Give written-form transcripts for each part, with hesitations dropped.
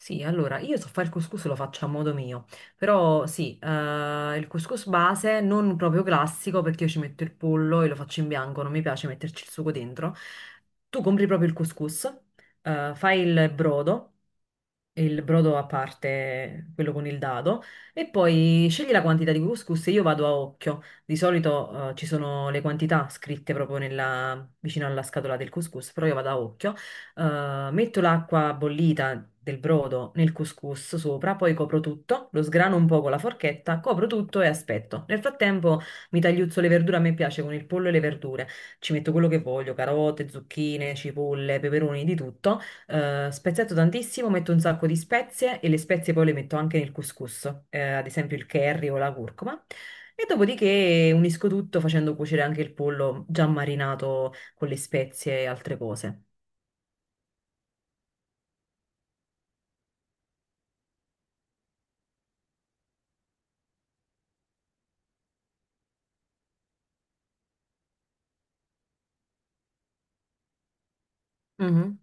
Sì, allora io so fare il couscous, lo faccio a modo mio, però sì, il couscous base non proprio classico perché io ci metto il pollo e lo faccio in bianco, non mi piace metterci il sugo dentro. Tu compri proprio il couscous, fai il brodo a parte, quello con il dado, e poi scegli la quantità di couscous e io vado a occhio. Di solito ci sono le quantità scritte proprio vicino alla scatola del couscous, però io vado a occhio. Metto l'acqua bollita del brodo nel couscous sopra, poi copro tutto, lo sgrano un po' con la forchetta, copro tutto e aspetto. Nel frattempo mi tagliuzzo le verdure, a me piace con il pollo e le verdure. Ci metto quello che voglio, carote, zucchine, cipolle, peperoni, di tutto. Speziato tantissimo, metto un sacco di spezie e le spezie poi le metto anche nel couscous, ad esempio il curry o la curcuma. E dopodiché unisco tutto facendo cuocere anche il pollo già marinato con le spezie e altre cose. Mhm.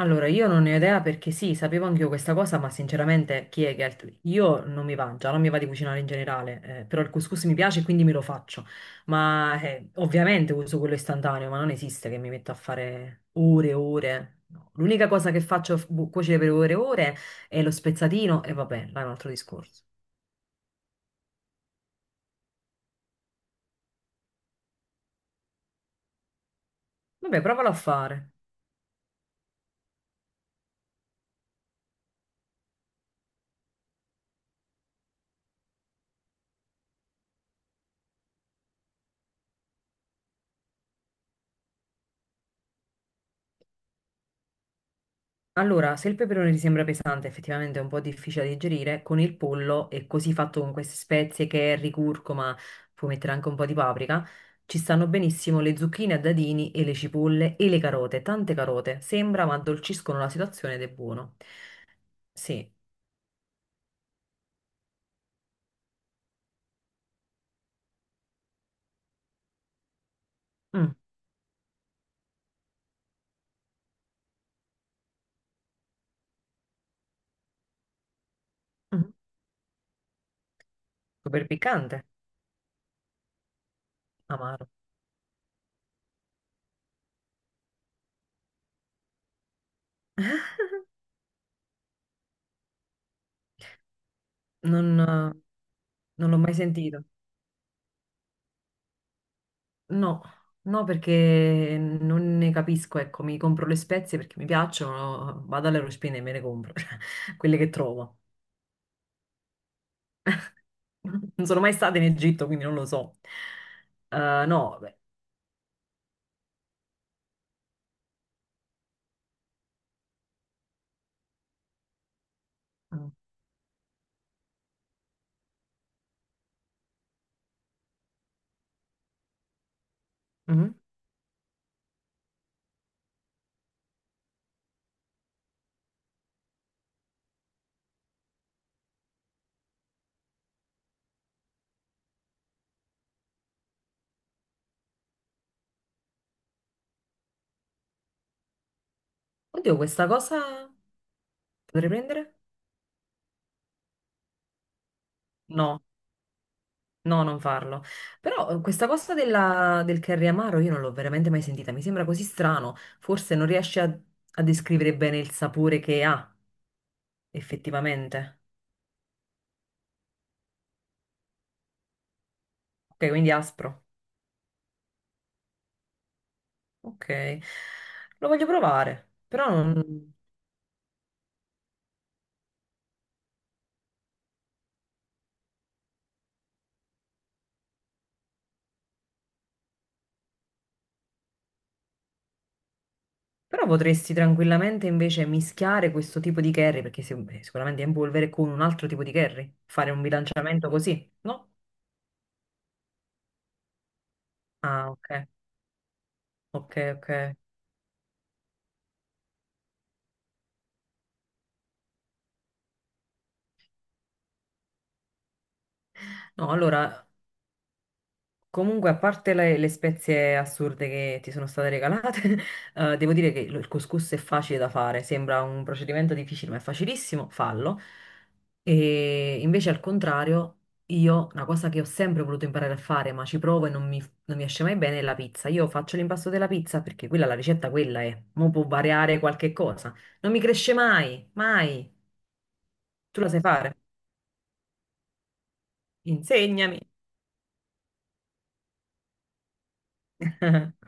Allora, io non ne ho idea perché sì, sapevo anch'io questa cosa, ma sinceramente, Kegel, io non mi va già, non mi va di cucinare in generale, però il couscous mi piace e quindi me lo faccio. Ma ovviamente uso quello istantaneo, ma non esiste che mi metto a fare ore e ore. No. L'unica cosa che faccio cuocere per ore e ore è lo spezzatino e vabbè, là è un altro discorso. Vabbè, provalo a fare. Allora, se il peperone ti sembra pesante, effettivamente è un po' difficile da digerire, con il pollo è così fatto con queste spezie, curry, curcuma, puoi mettere anche un po' di paprika, ci stanno benissimo le zucchine a dadini e le cipolle e le carote, tante carote, sembra ma addolciscono la situazione ed è buono. Sì. Mm. Mhm. Super piccante. Amaro. non, eh, Non l'ho mai sentito. No, no, perché non ne capisco, ecco, mi compro le spezie perché mi piacciono, vado all'Eurospin e me ne compro, quelle che trovo. Non sono mai stata in Egitto, quindi non lo so. No, beh. Mhm. Oddio, questa cosa potrei prendere? No, no, non farlo. Però questa cosa del curry amaro io non l'ho veramente mai sentita, mi sembra così strano, forse non riesce a descrivere bene il sapore che ha effettivamente. Ok, quindi aspro. Ok, lo voglio provare, però, però potresti tranquillamente invece mischiare questo tipo di curry, perché sicuramente è in polvere, con un altro tipo di curry, fare un bilanciamento così, no? Ah, ok, ok, ok. No, allora comunque, a parte le spezie assurde che ti sono state regalate, devo dire che il couscous è facile da fare, sembra un procedimento difficile, ma è facilissimo, fallo. E invece al contrario, io una cosa che ho sempre voluto imparare a fare, ma ci provo e non mi esce mai bene, è la pizza. Io faccio l'impasto della pizza perché quella, la ricetta quella è, mo può variare qualche cosa. Non mi cresce mai, mai. Tu la sai fare? Insegnami.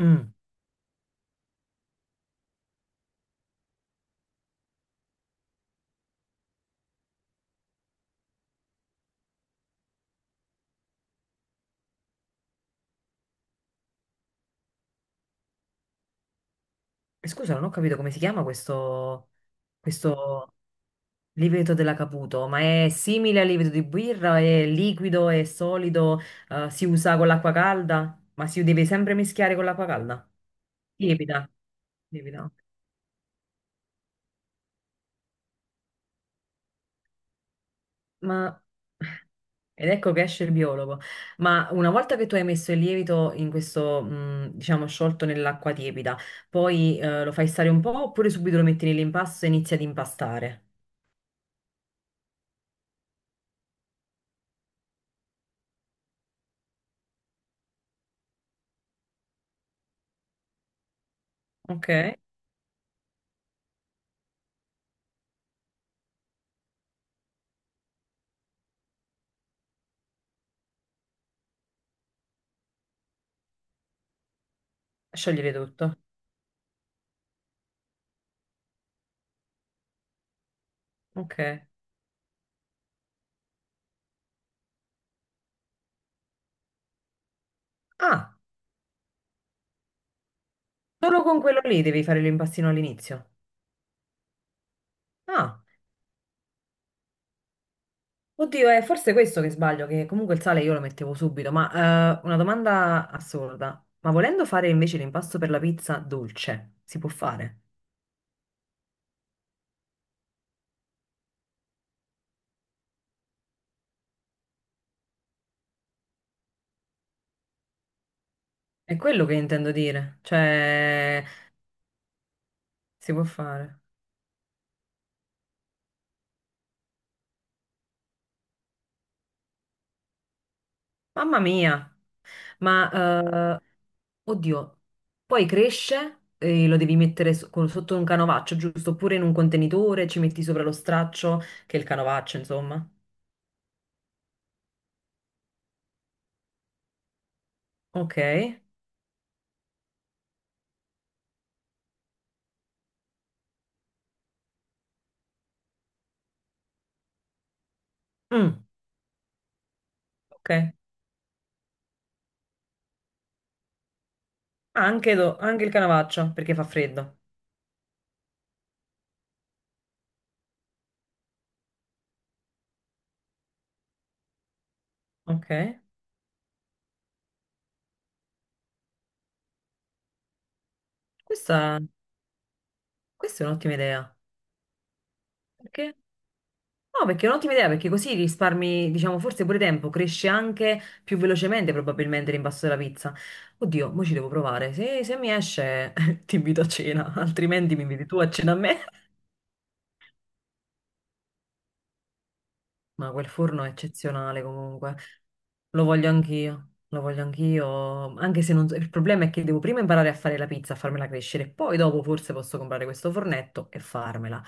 Mm. E scusa, non ho capito come si chiama questo, questo lievito dell'acaputo, ma è simile al lievito di birra? È liquido, è solido, si usa con l'acqua calda? Ma si deve sempre mischiare con l'acqua calda? Lievita, lievita. Ok. Ma... Ed ecco che esce il biologo. Ma una volta che tu hai messo il lievito in questo, diciamo, sciolto nell'acqua tiepida, poi lo fai stare un po' oppure subito lo metti nell'impasto e inizi ad impastare? Ok? Sciogliere tutto. Ok. Ah, solo con quello lì devi fare l'impastino all'inizio. Ah, oddio, è forse questo che sbaglio, che comunque il sale io lo mettevo subito, ma una domanda assurda. Ma volendo fare invece l'impasto per la pizza dolce, si può fare? È quello che intendo dire, cioè si può fare. Mamma mia, ma oddio, poi cresce e lo devi mettere sotto un canovaccio, giusto? Oppure in un contenitore, ci metti sopra lo straccio, che è il canovaccio, insomma. Ok. Mm. Ok. Ah, anche, anche il Canavaccio perché fa freddo. Ok. Questa, questa è un'ottima idea. Perché? No, perché è un'ottima idea perché così risparmi, diciamo, forse pure tempo, cresce anche più velocemente probabilmente l'impasto della pizza. Oddio, mo ci devo provare. Se mi esce, ti invito a cena, altrimenti mi inviti tu a cena a me. Ma quel forno è eccezionale comunque. Lo voglio anch'io, anche se non so- il problema è che devo prima imparare a fare la pizza, a farmela crescere, poi dopo forse posso comprare questo fornetto e farmela.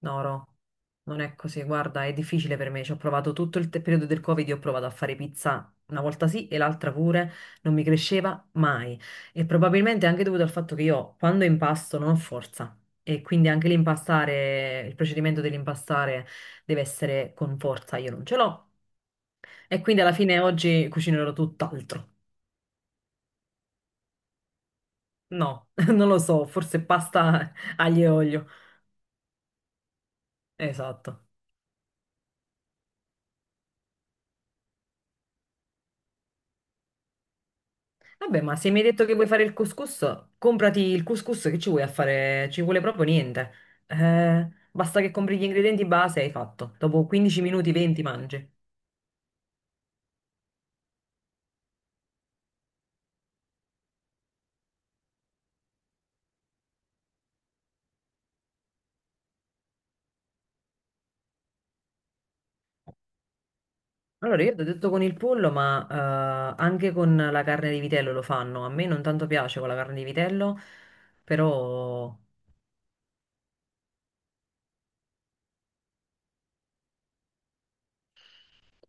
No, no, non è così. Guarda, è difficile per me. Ci ho provato tutto il periodo del Covid, io ho provato a fare pizza una volta sì e l'altra pure, non mi cresceva mai. E probabilmente è anche dovuto al fatto che io quando impasto non ho forza. E quindi anche l'impastare, il procedimento dell'impastare deve essere con forza, io non ce l'ho. E quindi alla fine oggi cucinerò tutt'altro. No, non lo so, forse pasta aglio e olio. Esatto. Vabbè, ma se mi hai detto che vuoi fare il couscous, comprati il couscous che ci vuoi a fare, ci vuole proprio niente. Basta che compri gli ingredienti base e hai fatto. Dopo 15 minuti, 20 mangi. Allora, io ti ho detto con il pollo, ma anche con la carne di vitello lo fanno. A me non tanto piace con la carne di vitello, però...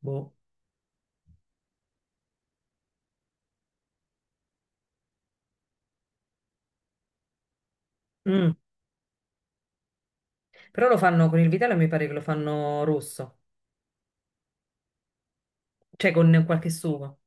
boh. Mm. Però lo fanno con il vitello e mi pare che lo fanno rosso, cioè con qualche sugo.